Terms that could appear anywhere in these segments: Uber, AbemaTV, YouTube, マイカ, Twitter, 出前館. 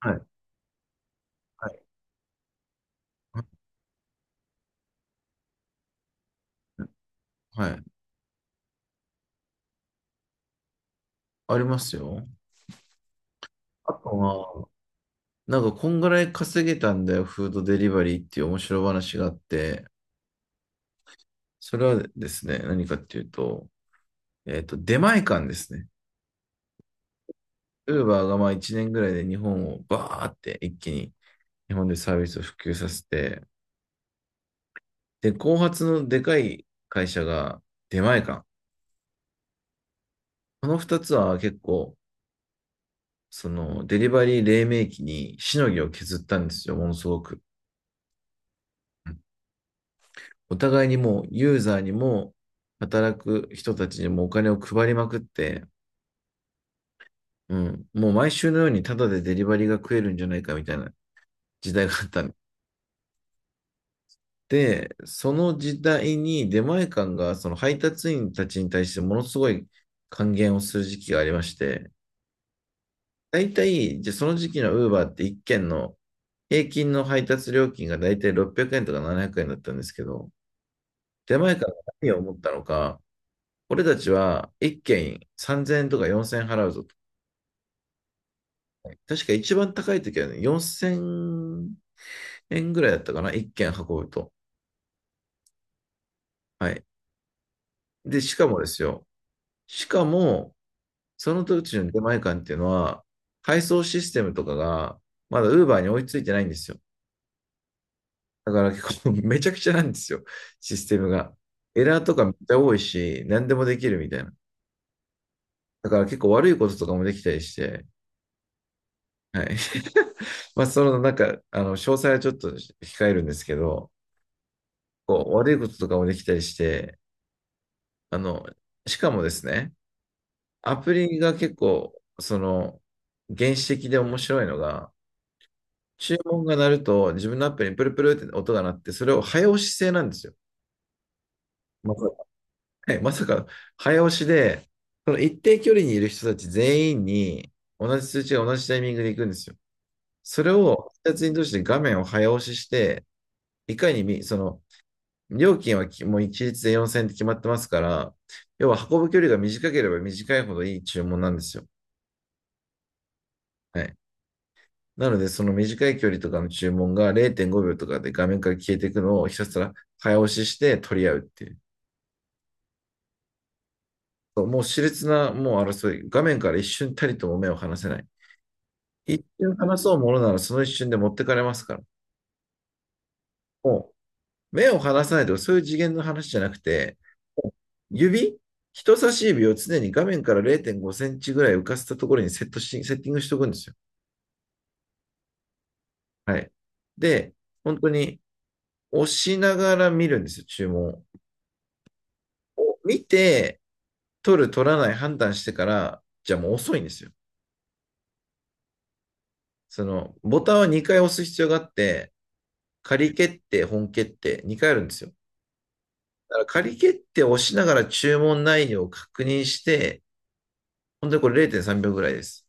はい。はい。うん、はい。ありますよ。あとは、なんか、こんぐらい稼げたんだよ、フードデリバリーっていう面白い話があって、それはですね、何かっていうと、出前館ですね。ウーバーがまあ1年ぐらいで日本をバーって一気に日本でサービスを普及させて、で、後発のでかい会社が出前館。この2つは結構、そのデリバリー黎明期にしのぎを削ったんですよ、ものすごく。お互いにもうユーザーにも働く人たちにもお金を配りまくって、うん、もう毎週のようにタダでデリバリーが食えるんじゃないかみたいな時代があったんで、その時代に出前館がその配達員たちに対してものすごい還元をする時期がありまして、大体、じゃあその時期のウーバーって一件の平均の配達料金が大体600円とか700円だったんですけど、出前館が何を思ったのか、俺たちは1軒3000円とか4000円払うぞと。確か一番高い時はね、4000円ぐらいだったかな、1軒運ぶと。はい。で、しかもですよ。しかも、その時の出前館っていうのは、配送システムとかが、まだ Uber に追いついてないんですよ。だから結構 めちゃくちゃなんですよ、システムが。エラーとかめっちゃ多いし、何でもできるみたいな。だから結構悪いこととかもできたりして、はい。まあ、その、なんか、あの、詳細はちょっと控えるんですけど、こう、悪いこととかもできたりして、あの、しかもですね、アプリが結構、その、原始的で面白いのが、注文が鳴ると、自分のアプリにプルプルって音が鳴って、それを早押し制なんですよ。まさか、はい、まさか早押しで、その一定距離にいる人たち全員に、同じ通知が同じタイミングで行くんですよ。それを、2つに通して画面を早押しして、いかにその、料金はきもう一律で4000円って決まってますから、要は運ぶ距離が短ければ短いほどいい注文なんですよ。はい。なので、その短い距離とかの注文が0.5秒とかで画面から消えていくのをひたすら早押しして取り合うっていう。そう、もう熾烈な、もう争い。画面から一瞬たりとも目を離せない。一瞬離そうものならその一瞬で持ってかれますから。も目を離さないとかそういう次元の話じゃなくて、指、人差し指を常に画面から0.5センチぐらい浮かせたところにセットし、セッティングしておくんですよ。はい。で、本当に押しながら見るんですよ、注文を。見て、取る、取らない判断してから、じゃあもう遅いんですよ。その、ボタンは2回押す必要があって、仮決定、本決定、2回あるんですよ。だから仮決定を押しながら注文内容を確認して、本当にこれ0.3秒ぐらいです。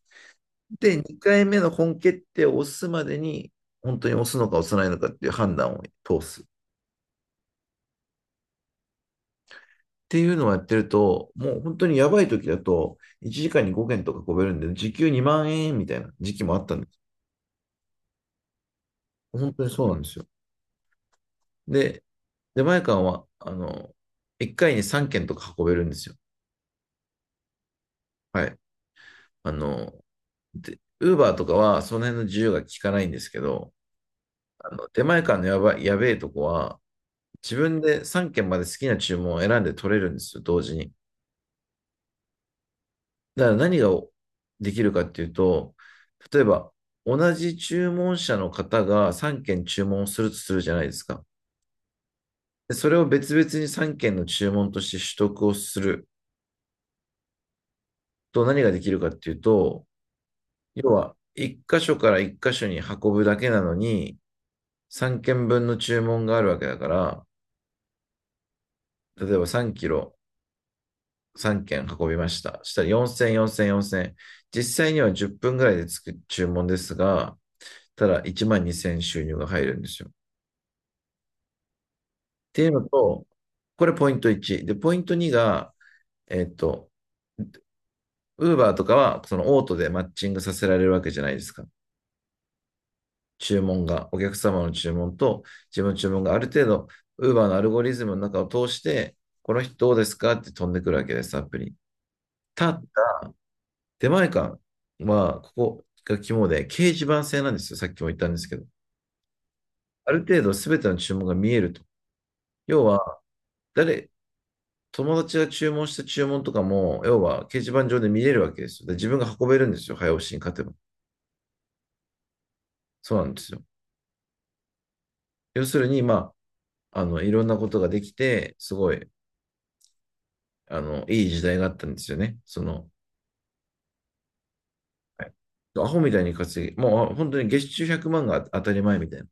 で、2回目の本決定を押すまでに、本当に押すのか押さないのかっていう判断を通す。っていうのをやってると、もう本当にやばい時だと、1時間に5件とかこべるんで、時給2万円みたいな時期もあったんです。本当にそうなんですよ。で、出前館は、あの、1回に3件とか運べるんですよ。はい。あの、で、ウーバーとかはその辺の自由が効かないんですけど、あの出前館のやばい、やべえとこは、自分で3件まで好きな注文を選んで取れるんですよ、同時に。だから何ができるかっていうと、例えば、同じ注文者の方が3件注文をするとするじゃないですか。でそれを別々に3件の注文として取得をすると何ができるかっていうと、要は、1箇所から1箇所に運ぶだけなのに、3件分の注文があるわけだから、例えば3キロ3件運びました。したら4000、4000、4000。実際には10分ぐらいでつく注文ですが、ただ1万2000収入が入るんですよ。っていうのと、これポイント1。で、ポイント2が、えっと、ウーバーとかは、そのオートでマッチングさせられるわけじゃないですか。注文が、お客様の注文と自分の注文がある程度、ウーバーのアルゴリズムの中を通して、この人どうですかって飛んでくるわけです、アプリ。ただ、出前館は、ここが肝で、掲示板制なんですよ。さっきも言ったんですけど。ある程度、すべての注文が見えると。要は、誰、友達が注文した注文とかも、要は掲示板上で見れるわけですよ。で、自分が運べるんですよ。早押しに勝てば。そうなんですよ。要するに、まあ、あの、いろんなことができて、すごい、あの、いい時代があったんですよね。その、はい、アホみたいに稼ぎ、もう本当に月収100万が当たり前みたいな。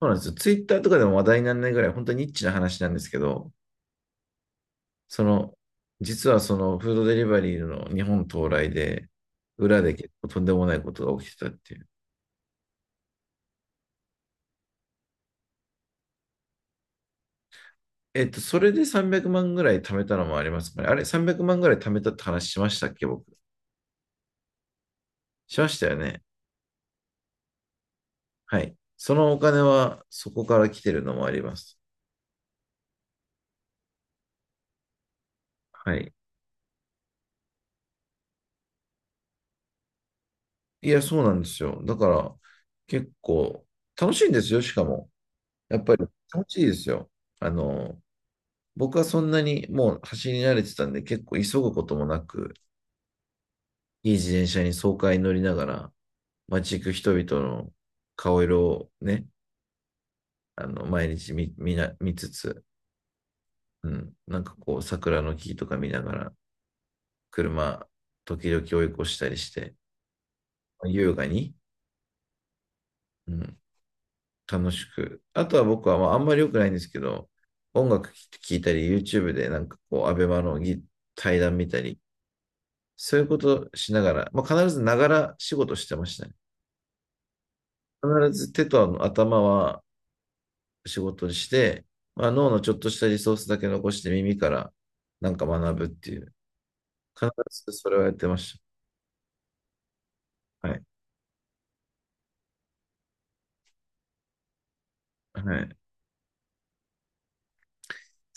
そうなんですよ。ツイッターとかでも話題にならないぐらい、本当にニッチな話なんですけど、その、実はそのフードデリバリーの日本到来で、裏で結構とんでもないことが起きてたっていう。それで300万ぐらい貯めたのもありますかね。あれ、300万ぐらい貯めたって話しましたっけ、僕。しましたよね。はい。そのお金はそこから来てるのもあります。はい。いや、そうなんですよ。だから、結構、楽しいんですよ、しかも。やっぱり、楽しいですよ。あの、僕はそんなにもう走り慣れてたんで、結構急ぐこともなく、いい自転車に爽快に乗りながら、街行く人々の顔色をね、あの、毎日見つつ、うん、なんかこう、桜の木とか見ながら、車、時々追い越したりして、優雅に、うん、楽しく。あとは僕は、まあ、あんまり良くないんですけど、音楽聴いたり、YouTube でなんかこう、アベマの対談見たり、そういうことしながら、まあ、必ずながら仕事してましたね。必ず手とあの頭は仕事にして、まあ、脳のちょっとしたリソースだけ残して耳からなんか学ぶっていう、必ずそれをやってました。はい。はい。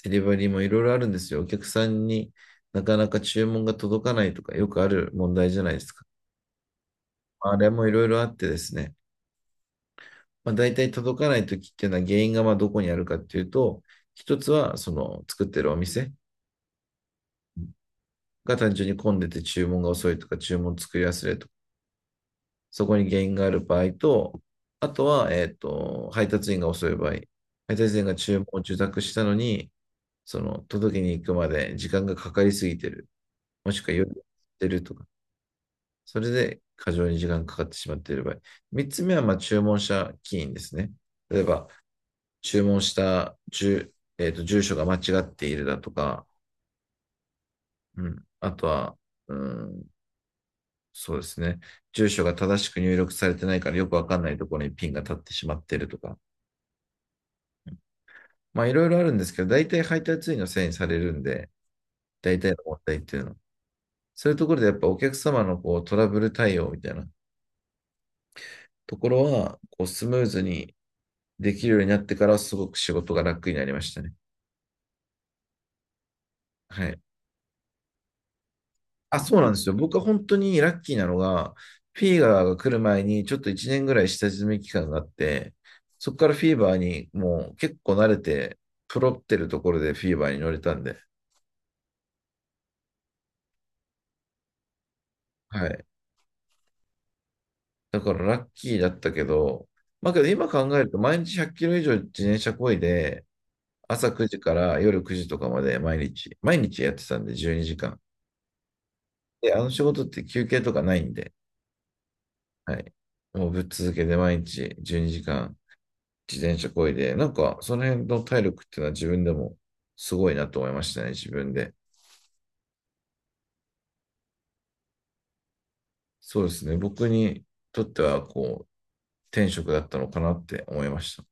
デリバリーもいろいろあるんですよ。お客さんになかなか注文が届かないとか、よくある問題じゃないですか。まあれもいろいろあってですね、まあ、大体届かないときっていうのは原因がまあどこにあるかっていうと、一つはその作ってるお店が単純に混んでて注文が遅いとか、注文作り忘れとか、そこに原因がある場合と、あとは、配達員が遅い場合、配達員が注文を受託したのに、その届けに行くまで時間がかかりすぎてる、もしくは夜やってるとかそれで過剰に時間かかってしまっている場合。3つ目はまあ注文者起因ですね。例えば、注文した住,、えー、と住所が間違っているだとか、うん、あとは、うん、そうですね、住所が正しく入力されてないからよくわかんないところにピンが立ってしまっているとか、まあいろいろあるんですけど、大体配達員のせいにされるんで、大体の問題っていうのは。そういうところでやっぱお客様のこうトラブル対応みたいなところは、こうスムーズにできるようになってからすごく仕事が楽になりましたね。はい。あ、そうなんですよ。僕は本当にラッキーなのが、フィーバーが来る前にちょっと1年ぐらい下積み期間があって、そこからフィーバーにもう結構慣れて、プロってるところでフィーバーに乗れたんで、はい。だからラッキーだったけど、まあけど今考えると毎日100キロ以上自転車漕いで、朝9時から夜9時とかまで毎日、毎日やってたんで12時間。で、あの仕事って休憩とかないんで、はい。もうぶっ続けて毎日12時間自転車こいで、なんかその辺の体力っていうのは自分でもすごいなと思いましたね、自分で。そうですね、僕にとってはこう、天職だったのかなって思いました。